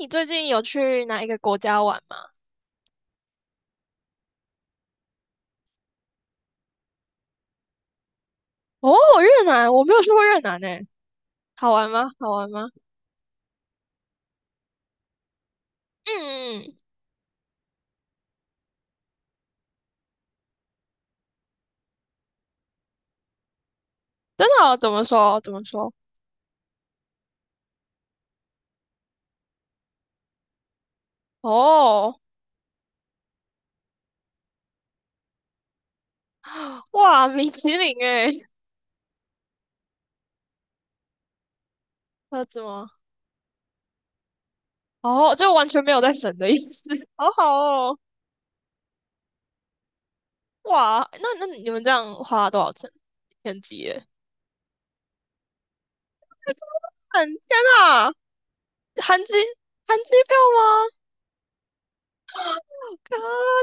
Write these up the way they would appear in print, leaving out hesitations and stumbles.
你最近有去哪一个国家玩吗？哦，越南，我没有去过越南呢。好玩吗？好玩吗？嗯，嗯，真的哦怎么说？怎么说？哦，哇，米其林诶，车子吗？哦，就完全没有在省的意思。好好哦，哇，那你们这样花了多少钱？天机耶！嗯，天呐，含机含机票吗？啊，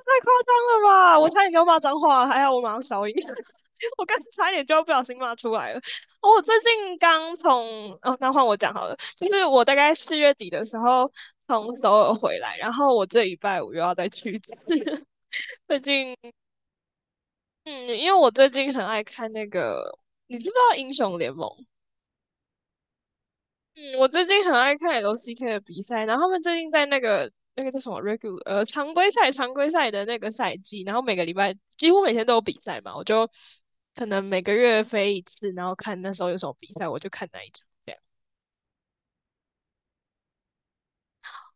太夸张了吧！我差点给我骂脏话了，还好我马上消音。我刚差一点就要不小心骂出来了。哦我最近刚从，哦，那换我讲好了，就是我大概四月底的时候从首尔回来，然后我这礼拜五又要再去一次。最近，嗯，因为我最近很爱看那个，你知不知道英雄联盟？嗯，我最近很爱看 LCK 的比赛，然后他们最近在那个叫什么 regular 常规赛的那个赛季，然后每个礼拜几乎每天都有比赛嘛，我就可能每个月飞一次，然后看那时候有什么比赛，我就看那一场这样。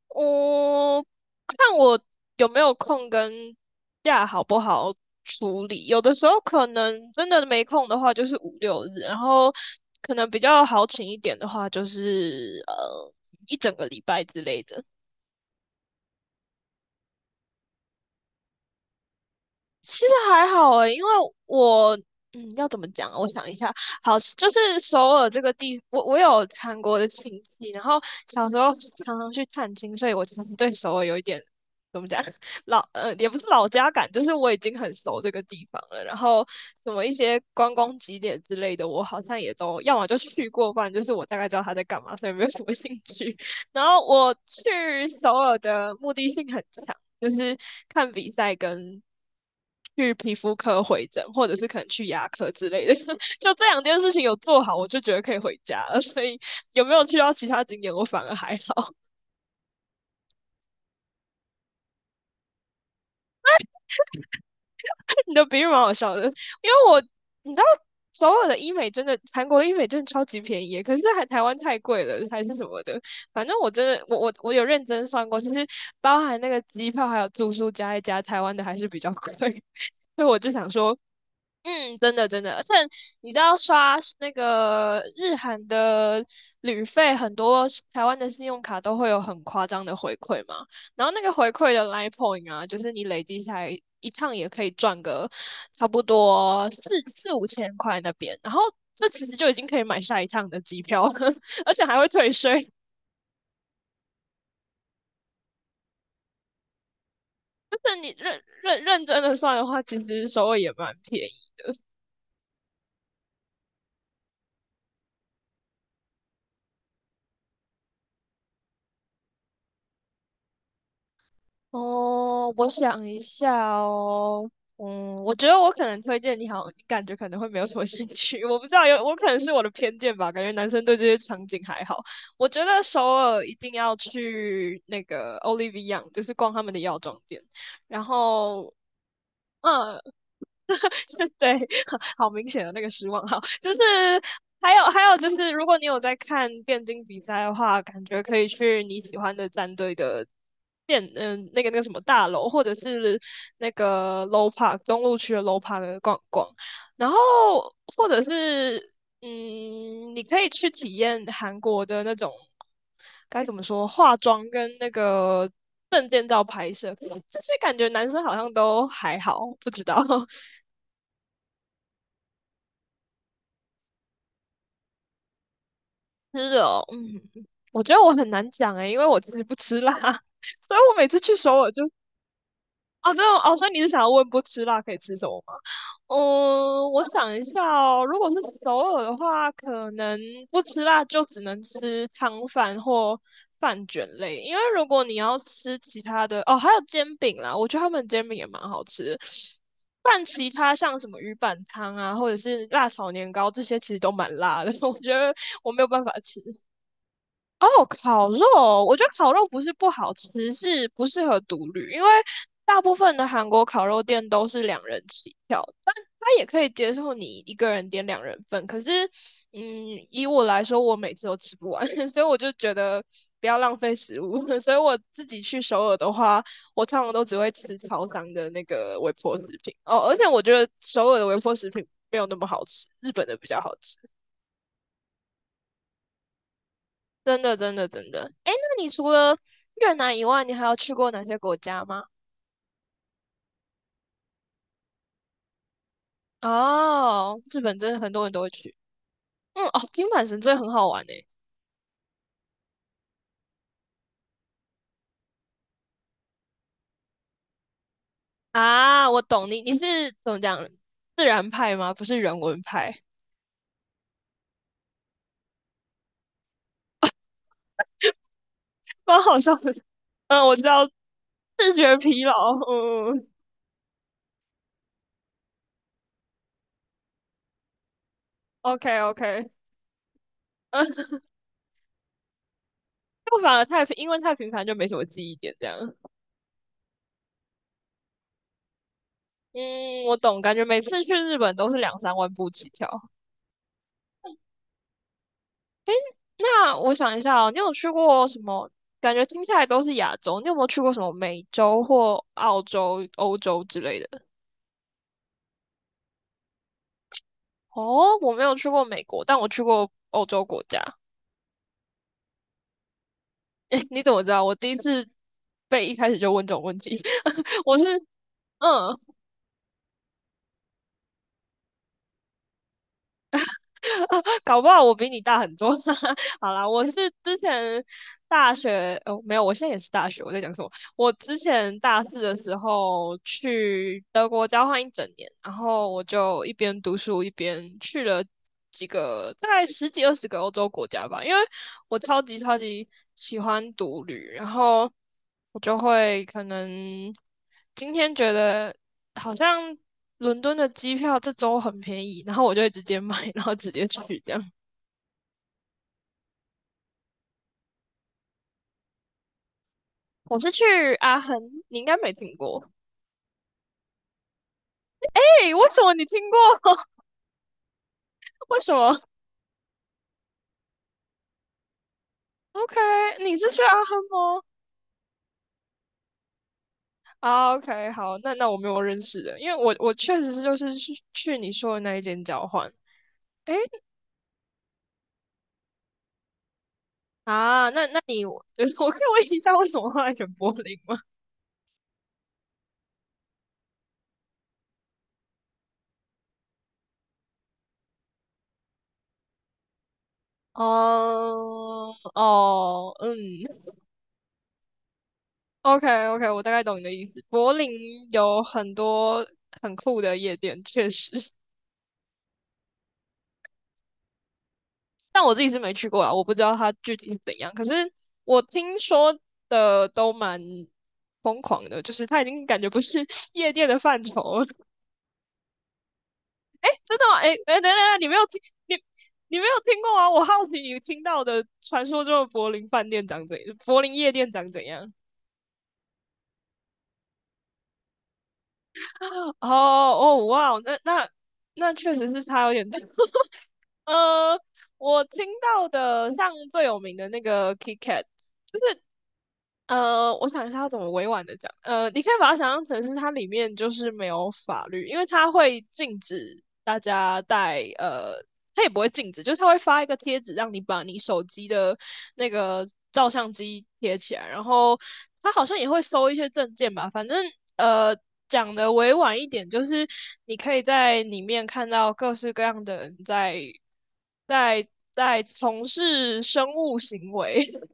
我看我有没有空跟假好不好处理，有的时候可能真的没空的话就是五六日，然后可能比较好请一点的话就是一整个礼拜之类的。其实还好诶，因为我要怎么讲啊？我想一下，好，就是首尔这个地，我有韩国的亲戚，然后小时候常常去探亲，所以我其实对首尔有一点怎么讲 也不是老家感，就是我已经很熟这个地方了。然后什么一些观光景点之类的，我好像也都要么就去过，不然就是我大概知道他在干嘛，所以没有什么兴趣。然后我去首尔的目的性很强，就是看比赛跟去皮肤科回诊，或者是可能去牙科之类的，就这两件事情有做好，我就觉得可以回家了。所以有没有去到其他景点，我反而还好。你的比喻蛮好笑的，因为我你知道所有的医美真的，韩国的医美真的超级便宜可是还台湾太贵了，还是什么的。反正我真的，我有认真算过，其实包含那个机票还有住宿加一加，台湾的还是比较贵。所以我就想说，嗯，真的真的，而且你知道刷那个日韩的旅费，很多是台湾的信用卡都会有很夸张的回馈嘛。然后那个回馈的 Line Point 啊，就是你累积下来一趟也可以赚个差不多四五千块那边，然后这其实就已经可以买下一趟的机票了，而且还会退税。就是你认真的算的话，其实首尔也蛮便宜。哦，我想一下哦，我觉得我可能推荐你好，你感觉可能会没有什么兴趣，我不知道有，我可能是我的偏见吧，感觉男生对这些场景还好。我觉得首尔一定要去那个 Olive y o n 就是逛他们的药妆店，然后。嗯，对，好明显的那个失望，哈，就是还有就是，如果你有在看电竞比赛的话，感觉可以去你喜欢的战队的那个什么大楼，或者是那个 Low Park 中路区的 Low Park 逛逛，然后或者是你可以去体验韩国的那种。该怎么说？化妆跟那个，就是感觉男生好像都还好，不知道。吃的哦，我觉得我很难讲诶，因为我自己不吃辣，所以我每次去首尔就，哦，对哦，所以你是想要问不吃辣可以吃什么吗？嗯，我想一下哦，如果是首尔的话，可能不吃辣就只能吃汤饭或饭卷类，因为如果你要吃其他的，哦，还有煎饼啦，我觉得他们煎饼也蛮好吃的。但其他像什么鱼板汤啊，或者是辣炒年糕这些，其实都蛮辣的，我觉得我没有办法吃。哦，烤肉，我觉得烤肉不是不好吃，是不适合独旅，因为大部分的韩国烤肉店都是两人起跳，但他也可以接受你一个人点两人份。可是，以我来说，我每次都吃不完，所以我就觉得不要浪费食物。所以我自己去首尔的话，我通常都只会吃超商的那个微波食品。哦，而且我觉得首尔的微波食品没有那么好吃，日本的比较好吃。真的，真的，真的。哎，那你除了越南以外，你还有去过哪些国家吗？哦，日本真的很多人都会去。嗯，哦，金板神真的很好玩诶。啊，我懂你，你是怎么讲，自然派吗？不是人文派，蛮好笑的。嗯，我知道，视觉疲劳。嗯，OK OK,嗯，就反而太平，因为太平凡就没什么记忆点这样。嗯，我懂，感觉每次去日本都是两三万步起跳。那我想一下哦，你有去过什么？感觉听下来都是亚洲，你有没有去过什么美洲或澳洲、欧洲之类的？哦，我没有去过美国，但我去过欧洲国家。诶，你怎么知道？我第一次被一开始就问这种问题，我是嗯 搞不好我比你大很多。好啦，我是之前大学，哦，没有，我现在也是大学。我在讲什么？我之前大四的时候去德国交换一整年，然后我就一边读书一边去了几个，大概十几二十个欧洲国家吧。因为我超级超级喜欢独旅，然后我就会可能今天觉得好像伦敦的机票这周很便宜，然后我就会直接买，然后直接去这样。我是去阿亨，你应该没听过。诶，为什么你听过？为什么？OK,你是去阿亨吗？啊，OK,好，那我没有认识的，因为我确实是就是去你说的那一间交换。诶，啊，那你就是 我可以问一下为什么后来选柏林吗？哦哦，嗯，OK OK,我大概懂你的意思。柏林有很多很酷的夜店，确实，但我自己是没去过啊，我不知道它具体是怎样。可是我听说的都蛮疯狂的，就是它已经感觉不是 夜店的范畴了。真的吗？哎、哎、等等等，你没有听过吗？我好奇你听到的传说中的柏林夜店长怎样？哦哦哇哦，那确实是差有点多。呃，我听到的像最有名的那个 KitKat,就是我想一下要怎么委婉的讲。你可以把它想象成是它里面就是没有法律，因为它会禁止大家带它也不会禁止，就是它会发一个贴纸让你把你手机的那个照相机贴起来，然后它好像也会收一些证件吧，反正呃。讲的委婉一点，就是你可以在里面看到各式各样的人在在从事生物行为，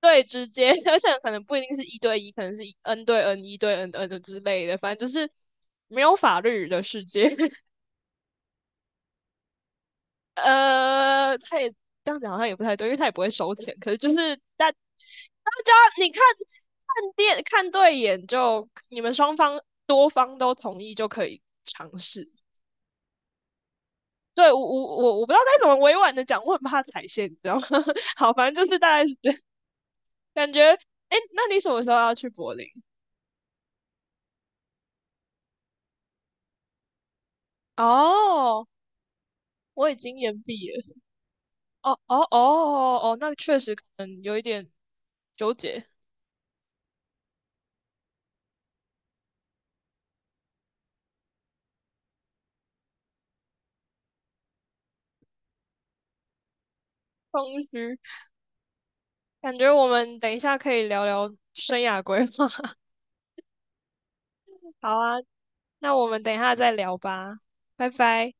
对，直接，而且可能不一定是一对一，可能是 N 对 N、一对 N、 N 之类的，反正就是没有法律的世界。他也这样讲好像也不太对，因为他也不会收钱，可是就是大家你看看电看对眼就，你们双方多方都同意就可以尝试。对，我不知道该怎么委婉的讲，我很怕踩线，你知道吗？好，反正就是大概是这样，感觉。哎，那你什么时候要去柏林？哦、我已经延毕了。哦哦哦哦，哦，那确实可能有一点纠结、同时，感觉我们等一下可以聊聊生涯规划。好啊，那我们等一下再聊吧，拜拜。